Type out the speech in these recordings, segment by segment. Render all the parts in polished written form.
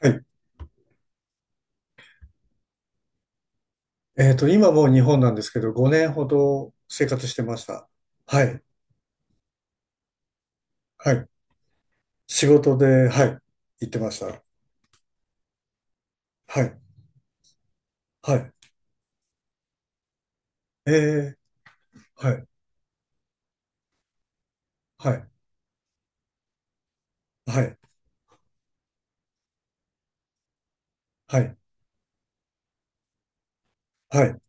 はい。今もう日本なんですけど、5年ほど生活してました。はい。はい。仕事で、はい。行ってました。はい。はい。えー、はい。はい。はい。はい。はい。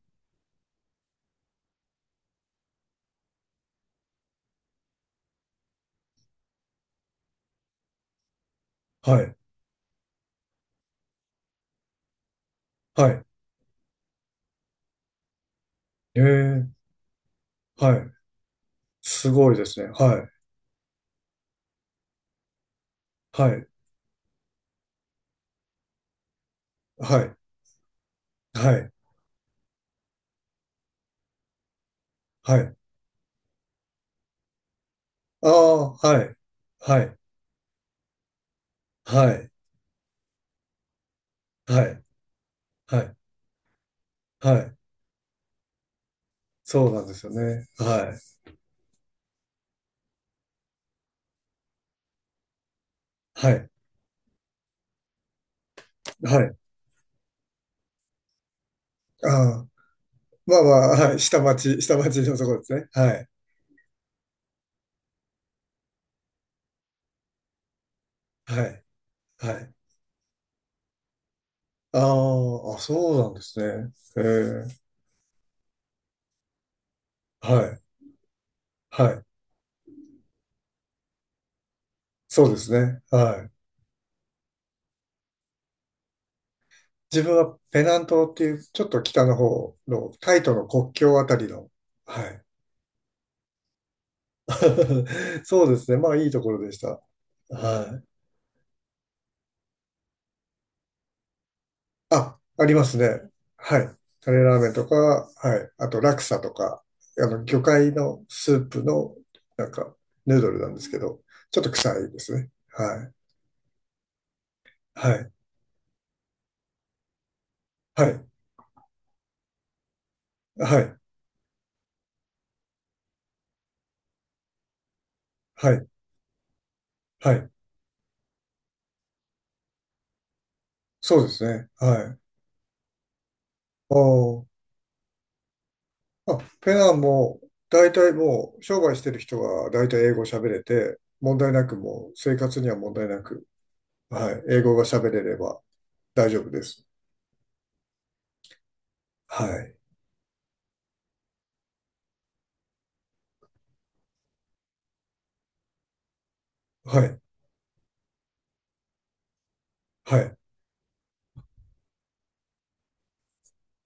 はい。はい。えー、はい。すごいですね。はい。はい。はい。はい。はい。ああ、はい。はい。はい。はい。はい。はい。そうなんですよね。はい。はい。はい。ああ。まあまあ、はい。下町、下町のところですね。はい。はい。はい。ああ、あ、そうなんですね。ええ、はい。はい。そうですね。はい。自分はペナン島っていう、ちょっと北の方の、タイとの国境あたりの、はい。そうですね。まあ、いいところでした。はい。あ、ありますね。はい。タレラーメンとか、はい。あと、ラクサとか、魚介のスープの、なんか、ヌードルなんですけど、ちょっと臭いですね。はい。はい。はい。はい。はい。はい。そうですね。はい。ああ。あ、ペナンも、大体もう、商売してる人は大体英語喋れて、問題なくもう、生活には問題なく、はい。英語が喋れれば大丈夫です。はい。はい。はい。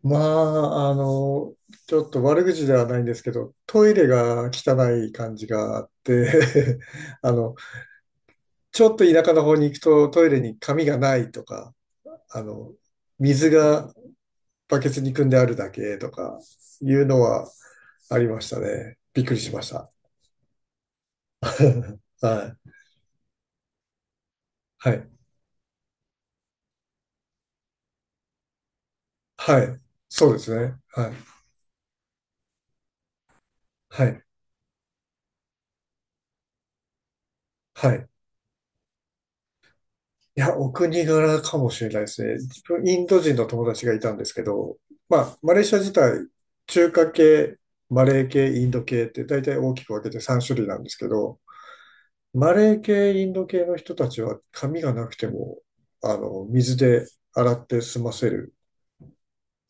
まあ、ちょっと悪口ではないんですけど、トイレが汚い感じがあって あの、ちょっと田舎の方に行くとトイレに紙がないとか、あの、水がバケツに組んであるだけとか、いうのはありましたね。びっくりしました。はい。はい。はい。そうですね。はい。はい。はい。いや、お国柄かもしれないですね。自分、インド人の友達がいたんですけど、まあ、マレーシア自体、中華系、マレー系、インド系って大体大きく分けて3種類なんですけど、マレー系、インド系の人たちは髪がなくても、水で洗って済ませる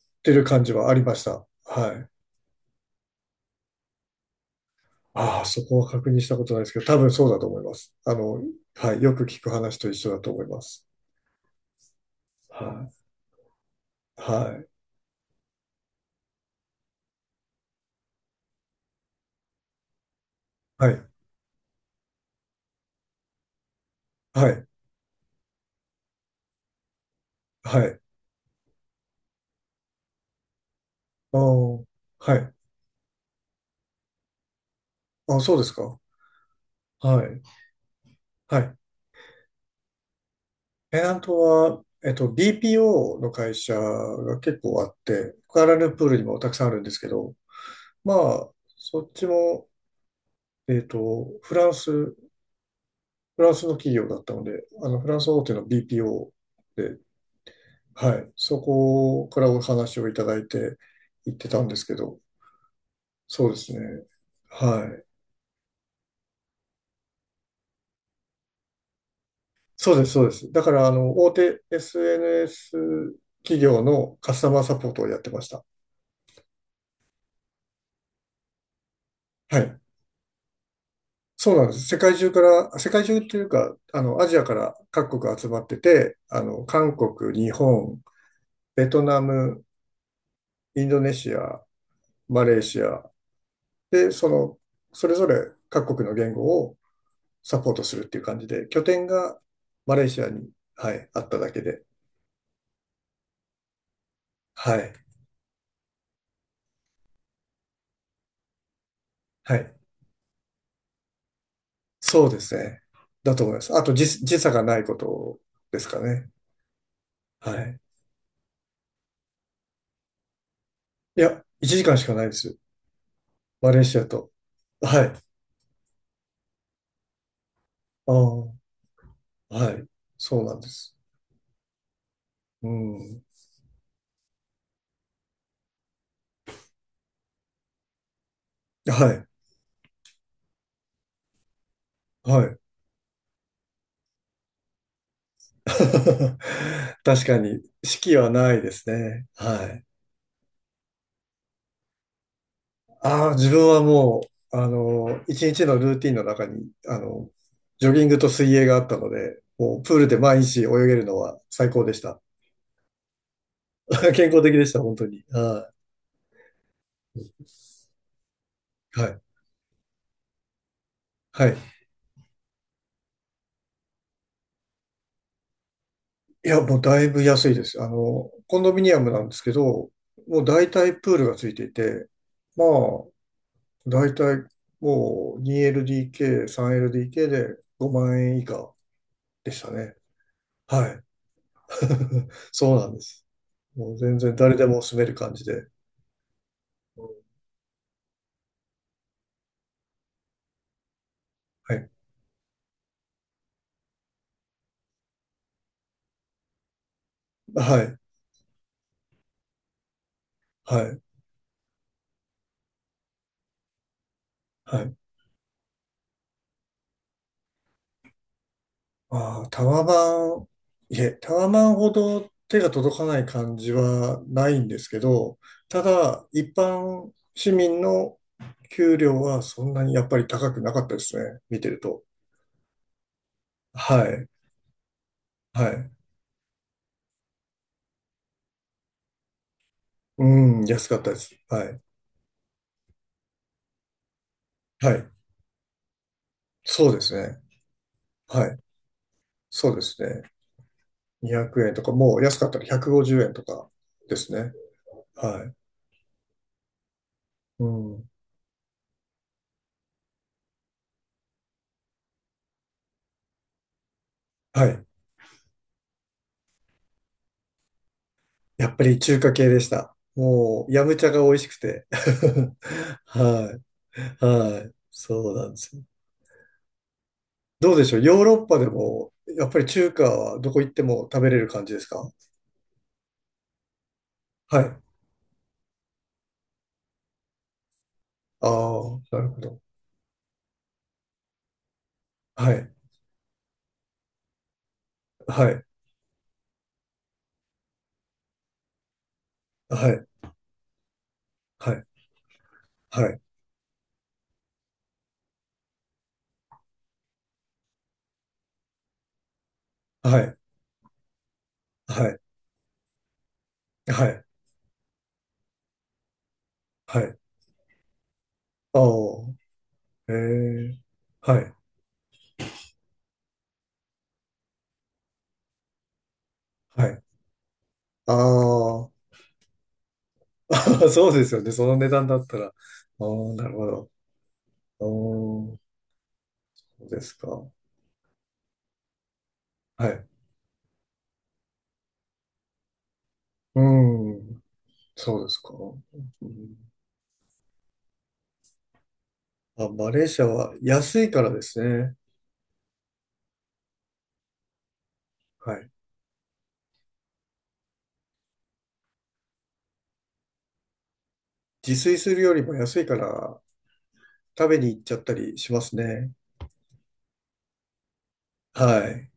っていう感じはありました。はい。ああ、そこは確認したことないですけど、多分そうだと思います。はい、よく聞く話と一緒だと思います。はい、はい、はい、はい、はい。ああ、はい。あ、そうですか。はい、はい。ペナントは、BPO の会社が結構あって、クアラルンプールにもたくさんあるんですけど、まあ、そっちも、フランスの企業だったので、フランス大手の BPO。 はい。そこからお話をいただいて行ってたんですけど、そうですね。はい。そうです、そうです。だから、大手 SNS 企業のカスタマーサポートをやってました。はい。そうなんです。世界中から、世界中っていうか、アジアから各国集まってて、韓国、日本、ベトナム、インドネシア、マレーシア、で、それぞれ各国の言語をサポートするっていう感じで、拠点がマレーシアに、はい、あっただけで。はい。はい。そうですね。だと思います。あと時差がないことですかね。はい。いや、1時間しかないですよ。マレーシアと。はい。ああ、はい。そうなんです。うん。はい。はい。確かに、式はないですね。はい。ああ、自分はもう、一日のルーティンの中に、ジョギングと水泳があったので、もうプールで毎日泳げるのは最高でした。健康的でした、本当に。はい。はい。はい。いや、もうだいぶ安いです。コンドミニアムなんですけど、もう大体プールがついていて、まあ、大体もう 2LDK、3LDK で5万円以下でしたね。はい。そうなんです。もう全然誰でも住める感じで。はい。はい。はい。はい。ああ、タワマン、いえ、タワマンほど手が届かない感じはないんですけど、ただ、一般市民の給料はそんなにやっぱり高くなかったですね。見てると。はい。はい。うん、安かったです。はい。はい。そうですね。はい。そうですね。200円とか、もう安かったら150円とかですね。はい。うん。はい。やっぱり中華系でした。もう、ヤムチャが美味しくて。はい。はい。そうなんですよ。どうでしょう、ヨーロッパでも、やっぱり中華はどこ行っても食べれる感じですか？はい。ああ、なるほど。はい。はい。はい。はい。はい。はい。はい。はい。はい。ああ、へえ。はい。はい。ああ、そうですよね。その値段だったら。ああ、なるほど。ああ、そうですか。はい。うん。そうですか。うん、あ、マレーシアは安いからですね。はい。自炊するよりも安いから食べに行っちゃったりしますね。はい。